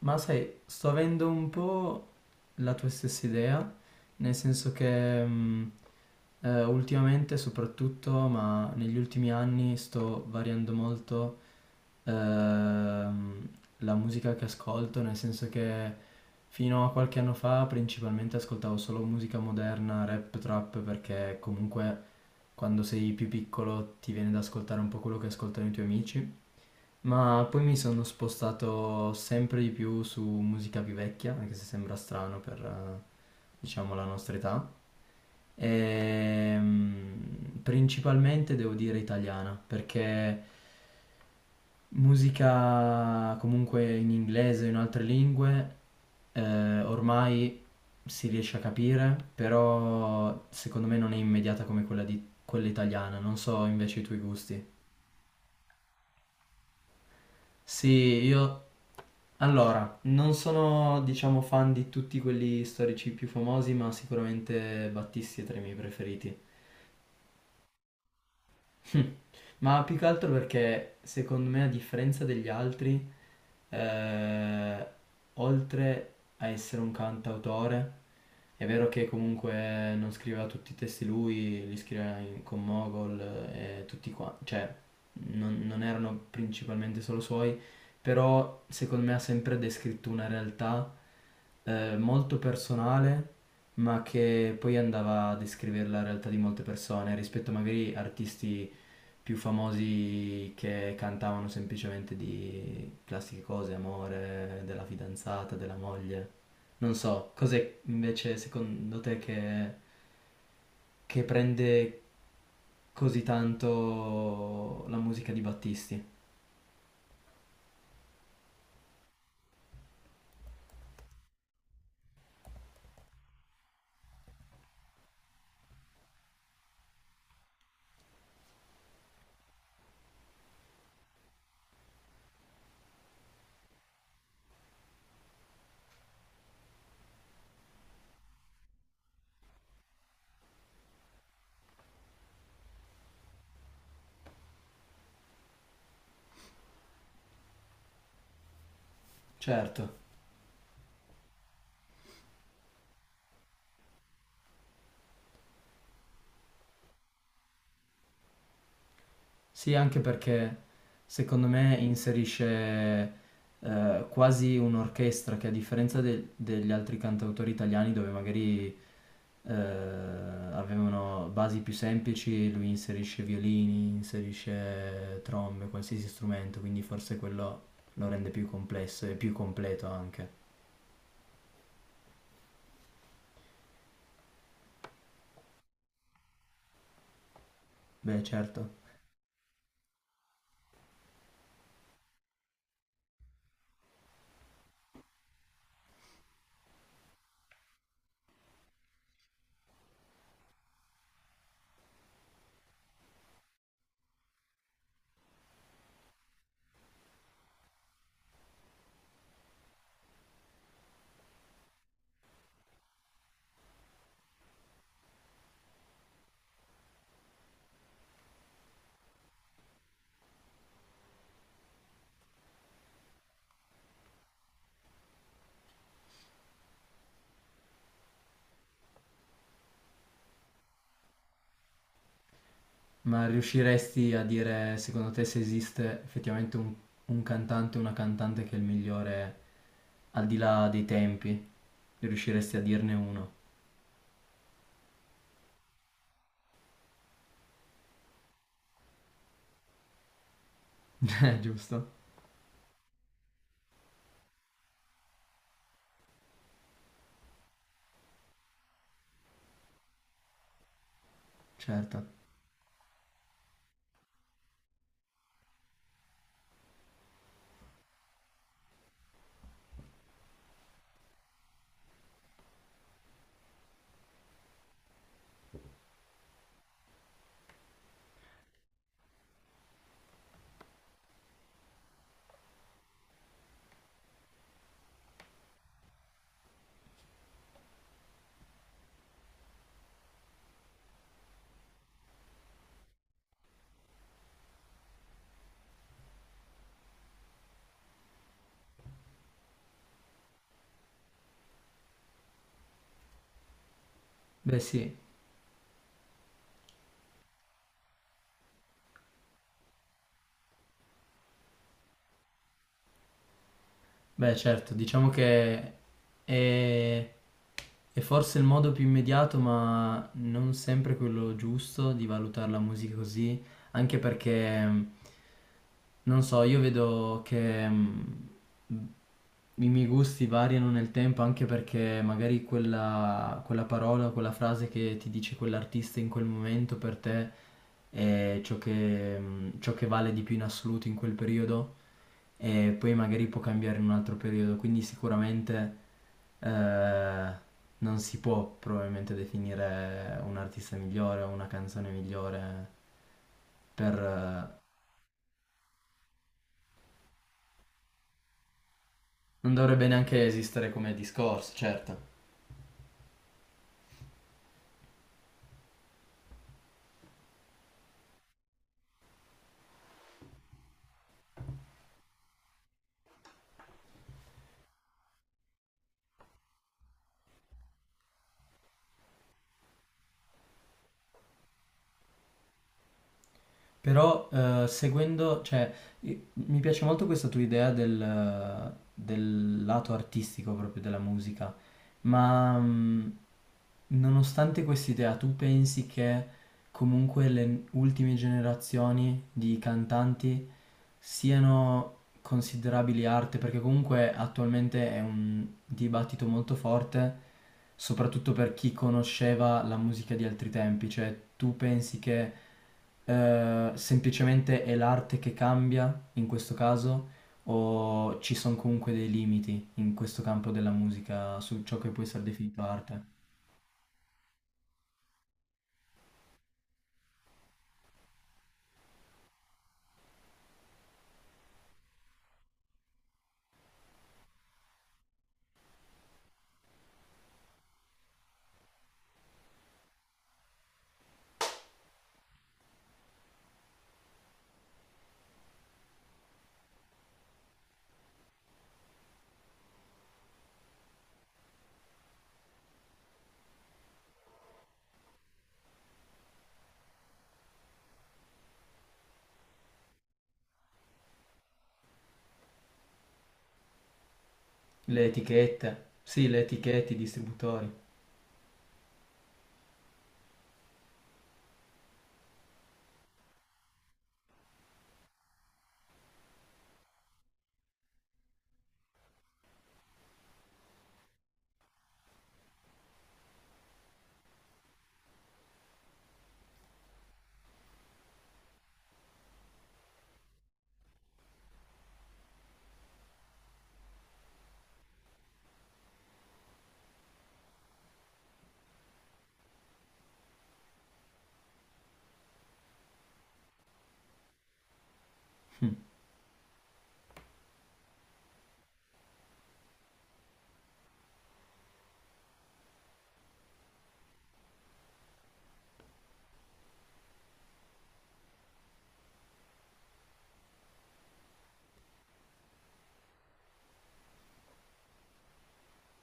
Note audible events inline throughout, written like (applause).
Ma sai, sto avendo un po' la tua stessa idea, nel senso che ultimamente soprattutto, ma negli ultimi anni sto variando molto ehm, la musica che ascolto, nel senso che fino a qualche anno fa principalmente ascoltavo solo musica moderna, rap, trap, perché comunque quando sei più piccolo ti viene da ascoltare un po' quello che ascoltano i tuoi amici. Ma poi mi sono spostato sempre di più su musica più vecchia, anche se sembra strano per, diciamo, la nostra età. Principalmente devo dire italiana, perché musica comunque in inglese o in altre lingue ormai si riesce a capire, però secondo me non è immediata come quella italiana. Non so invece i tuoi gusti. Sì, io... Allora, non sono, diciamo, fan di tutti quelli storici più famosi, ma sicuramente Battisti è tra i miei preferiti. (laughs) Ma più che altro perché secondo me a differenza degli altri, eh, oltre a essere un cantautore, è vero che comunque non scriveva tutti i testi lui, li scriveva con Mogol e tutti qua, cioè non erano principalmente solo suoi, però secondo me ha sempre descritto una realtà molto personale, ma che poi andava a descrivere la realtà di molte persone rispetto magari artisti più famosi che cantavano semplicemente di classiche cose, amore, della fidanzata, della moglie. Non so, cos'è invece secondo te che prende così tanto la musica di Battisti? Certo, sì, anche perché secondo me inserisce quasi un'orchestra che a differenza degli altri cantautori italiani dove magari avevano basi più semplici, lui inserisce violini, inserisce trombe, qualsiasi strumento, quindi forse quello lo rende più complesso e più completo anche. Beh, certo. Ma riusciresti a dire, secondo te, se esiste effettivamente un cantante o una cantante che è il migliore al di là dei tempi? Riusciresti a dirne uno? (laughs) Giusto? Certo. Beh, sì. Beh, certo, diciamo che è, è forse il modo più immediato, ma non sempre quello giusto di valutare la musica così, anche perché, non so, io vedo che i miei gusti variano nel tempo anche perché magari quella parola o quella frase che ti dice quell'artista in quel momento per te è ciò che vale di più in assoluto in quel periodo e poi magari può cambiare in un altro periodo, quindi sicuramente eh, non si può probabilmente definire un artista migliore o una canzone migliore per... non dovrebbe neanche esistere come discorso, certo. Però seguendo, cioè, mi piace molto questa tua idea del lato artistico proprio della musica, ma nonostante quest'idea, tu pensi che comunque le ultime generazioni di cantanti siano considerabili arte, perché comunque attualmente è un dibattito molto forte, soprattutto per chi conosceva la musica di altri tempi, cioè tu pensi che semplicemente è l'arte che cambia in questo caso o ci sono comunque dei limiti in questo campo della musica su ciò che può essere definito arte? Le etichette, sì, le etichette, i distributori.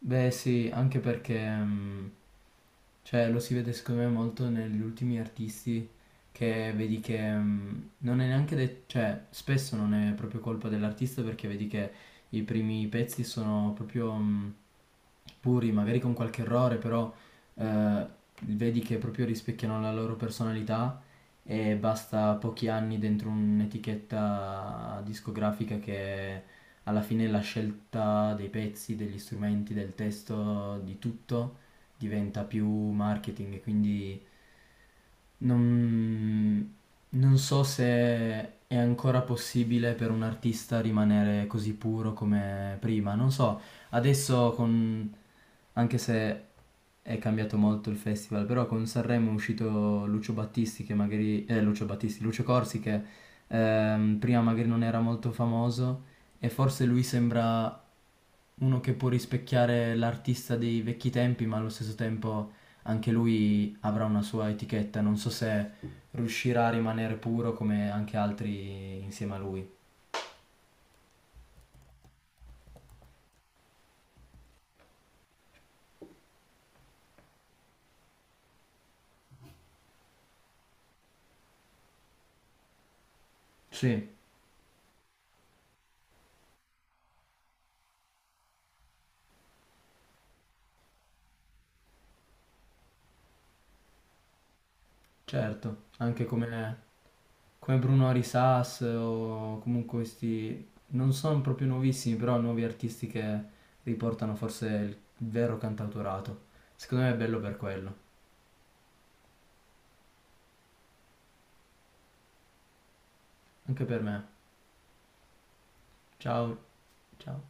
Beh sì, anche perché cioè, lo si vede secondo me molto negli ultimi artisti che vedi che non è neanche de- cioè spesso non è proprio colpa dell'artista perché vedi che i primi pezzi sono proprio puri, magari con qualche errore, però eh, vedi che proprio rispecchiano la loro personalità e basta pochi anni dentro un'etichetta discografica che alla fine la scelta dei pezzi, degli strumenti, del testo, di tutto diventa più marketing e quindi non, non so se è ancora possibile per un artista rimanere così puro come prima. Non so, adesso con... anche se è cambiato molto il festival, però con Sanremo è uscito Lucio Battisti che magari... Lucio Corsi che prima magari non era molto famoso e forse lui sembra uno che può rispecchiare l'artista dei vecchi tempi, ma allo stesso tempo anche lui avrà una sua etichetta, non so se riuscirà a rimanere puro come anche altri insieme a lui. Sì, certo, come Bruno Arisas o comunque questi, non sono proprio nuovissimi, però nuovi artisti che riportano forse il vero cantautorato. Secondo me è bello per quello, anche per me. Ciao, ciao.